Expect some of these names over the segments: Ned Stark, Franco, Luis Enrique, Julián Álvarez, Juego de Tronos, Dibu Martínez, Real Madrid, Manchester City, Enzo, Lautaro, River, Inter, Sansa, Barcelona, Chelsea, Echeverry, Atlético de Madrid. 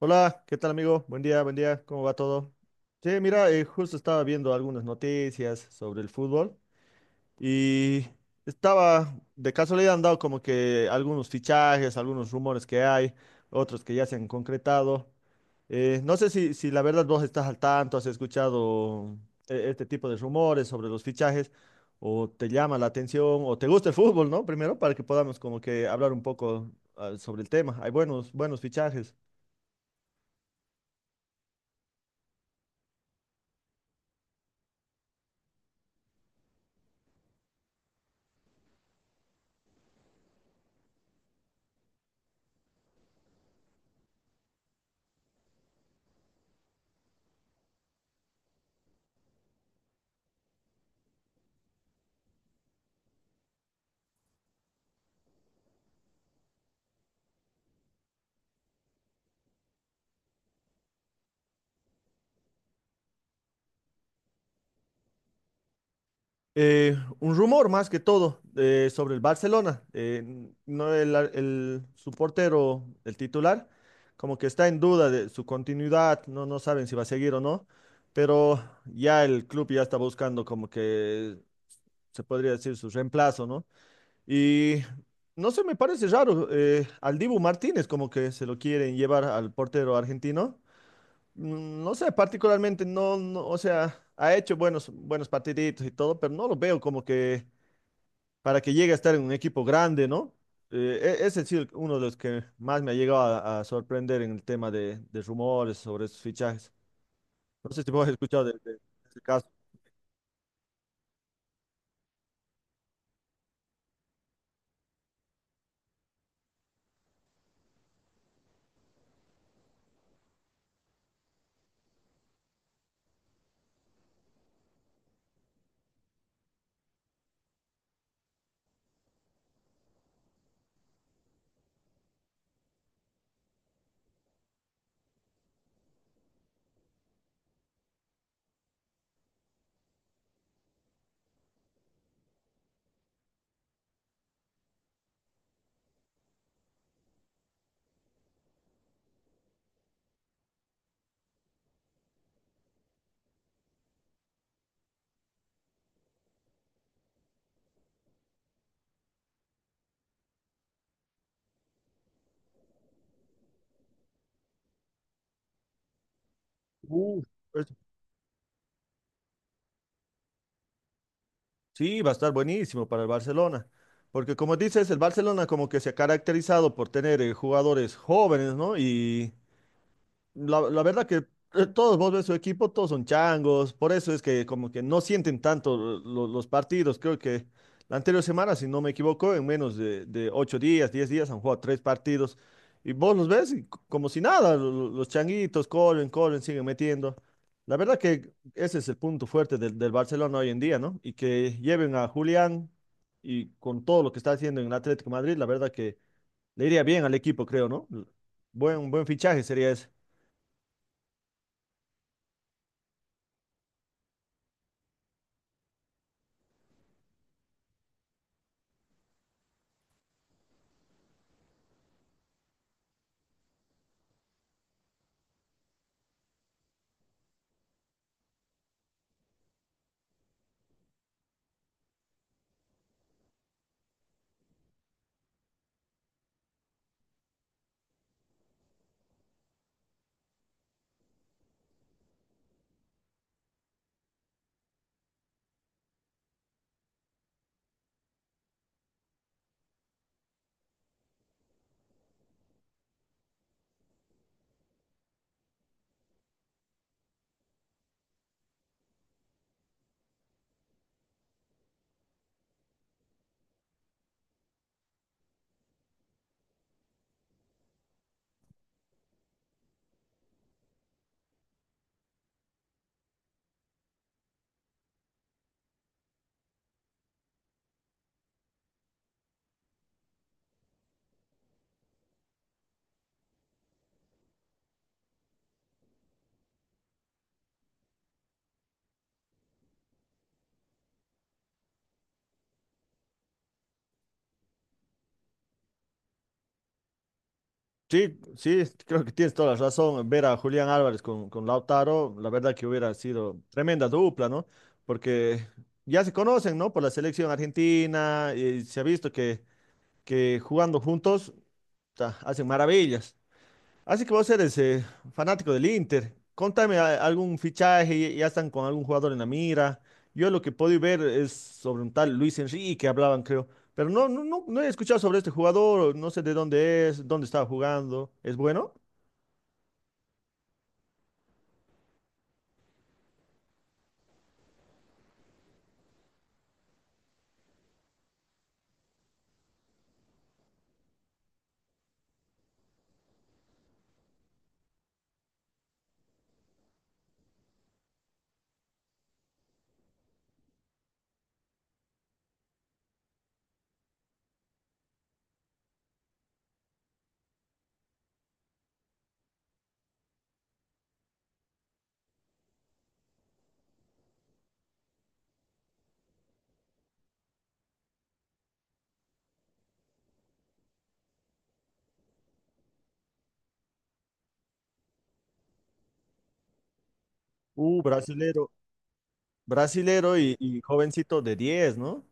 Hola, ¿qué tal amigo? Buen día, ¿cómo va todo? Sí, mira, justo estaba viendo algunas noticias sobre el fútbol y de casualidad han dado como que algunos fichajes, algunos rumores que hay, otros que ya se han concretado. No sé si la verdad vos estás al tanto, has escuchado este tipo de rumores sobre los fichajes o te llama la atención o te gusta el fútbol, ¿no? Primero para que podamos como que hablar un poco sobre el tema. Hay buenos, buenos fichajes. Un rumor más que todo sobre el Barcelona. No su portero, el titular, como que está en duda de su continuidad, no saben si va a seguir o no, pero ya el club ya está buscando como que se podría decir su reemplazo, ¿no? Y no sé, me parece raro, al Dibu Martínez como que se lo quieren llevar al portero argentino. No sé, particularmente no, o sea, ha hecho buenos, buenos partiditos y todo, pero no lo veo como que para que llegue a estar en un equipo grande, ¿no? Ese sí, uno de los que más me ha llegado a sorprender en el tema de rumores sobre esos fichajes. No sé si vos has escuchado de ese caso. Uh, pues, sí, va a estar buenísimo para el Barcelona, porque como dices, el Barcelona como que se ha caracterizado por tener jugadores jóvenes, ¿no? Y la verdad que todos vos ves su equipo, todos son changos, por eso es que como que no sienten tanto los partidos. Creo que la anterior semana, si no me equivoco, en menos de 8 días, 10 días han jugado tres partidos y vos los ves y como si nada, los changuitos corren, corren, siguen metiendo. La verdad que ese es el punto fuerte del Barcelona hoy en día, ¿no? Y que lleven a Julián y con todo lo que está haciendo en el Atlético de Madrid, la verdad que le iría bien al equipo, creo, ¿no? Buen, buen fichaje sería ese. Sí, sí, creo que tienes toda la razón. Ver a Julián Álvarez con Lautaro, la verdad que hubiera sido tremenda dupla, ¿no? Porque ya se conocen, ¿no? Por la selección argentina, y se ha visto que jugando juntos, ta, hacen maravillas. Así que vos eres fanático del Inter. Contame algún fichaje, ya están con algún jugador en la mira. Yo lo que puedo ver es sobre un tal Luis Enrique, hablaban, creo. Pero no he escuchado sobre este jugador, no sé de dónde es, dónde estaba jugando. ¿Es bueno? Brasilero, brasilero y jovencito de 10, ¿no?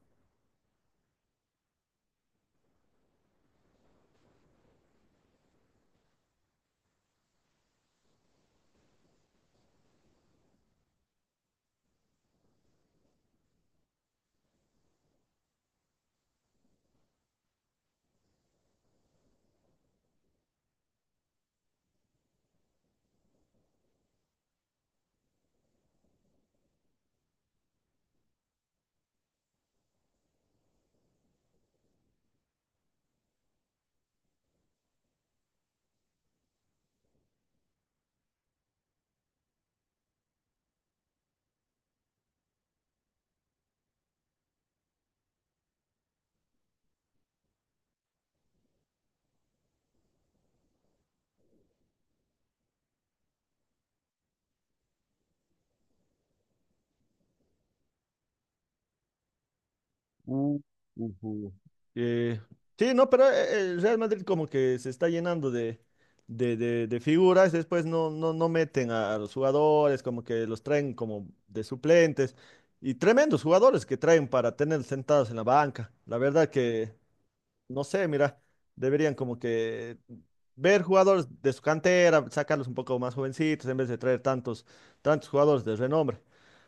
Uh, Ujú. Eh, sí, no, pero el Real Madrid como que se está llenando de figuras, después no meten a los jugadores, como que los traen como de suplentes, y tremendos jugadores que traen para tener sentados en la banca. La verdad que no sé, mira, deberían como que ver jugadores de su cantera, sacarlos un poco más jovencitos en vez de traer tantos jugadores de renombre.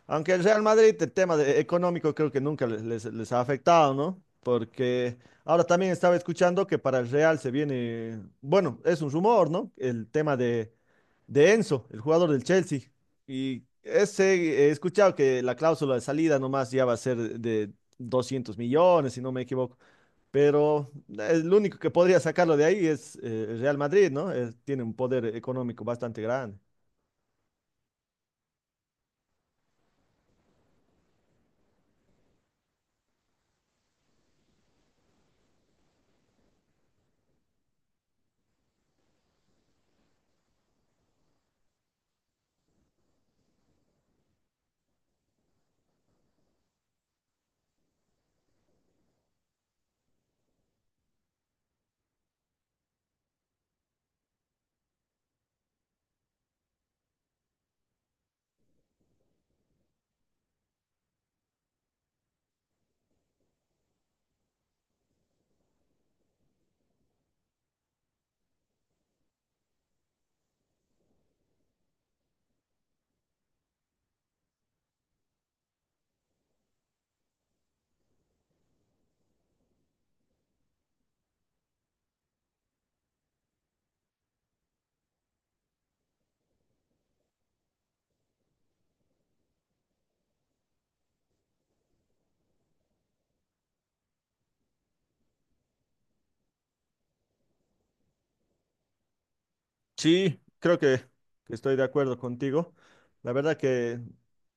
Aunque el Real Madrid, el tema económico creo que nunca les ha afectado, ¿no? Porque ahora también estaba escuchando que para el Real se viene, bueno, es un rumor, ¿no? El tema de Enzo, el jugador del Chelsea. Y ese, he escuchado que la cláusula de salida nomás ya va a ser de 200 millones, si no me equivoco. Pero lo único que podría sacarlo de ahí es el Real Madrid, ¿no? Tiene un poder económico bastante grande. Sí, creo que estoy de acuerdo contigo. La verdad que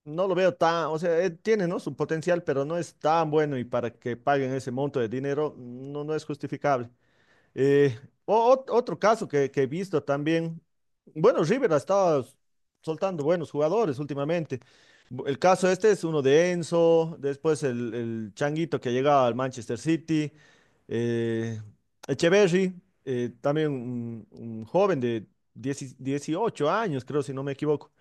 no lo veo tan, o sea, tiene, ¿no? Su potencial, pero no es tan bueno y para que paguen ese monto de dinero no es justificable. Eh, Otro caso que he visto también, bueno, River ha estado soltando buenos jugadores últimamente. El caso este es uno de Enzo, después el Changuito que llega al Manchester City, eh, Echeverry, también un joven de 10 18 años, creo, si no me equivoco.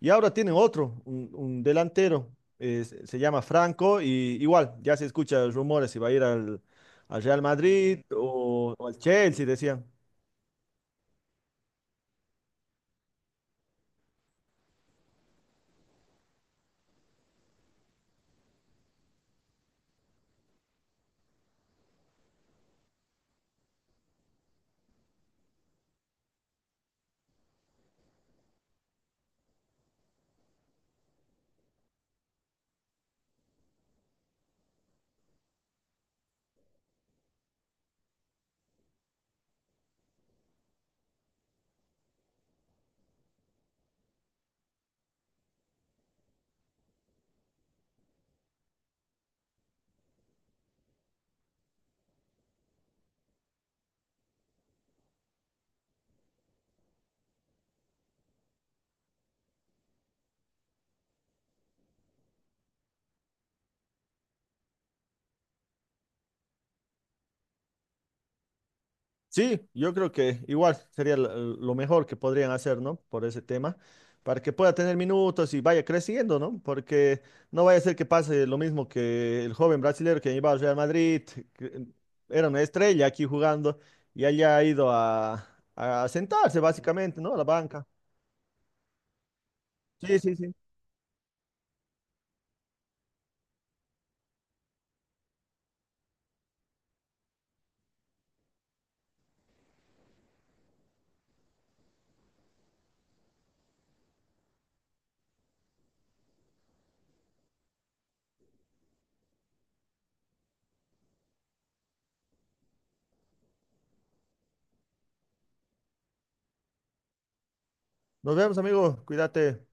Y ahora tienen otro, un delantero, se llama Franco, y igual, ya se escuchan rumores si va a ir al Real Madrid o al Chelsea, decían. Sí, yo creo que igual sería lo mejor que podrían hacer, ¿no? Por ese tema, para que pueda tener minutos y vaya creciendo, ¿no? Porque no vaya a ser que pase lo mismo que el joven brasileño que llevaba al Real Madrid, que era una estrella aquí jugando y haya ido a sentarse básicamente, ¿no? A la banca. Sí, sí, sí. Nos vemos, amigo. Cuídate.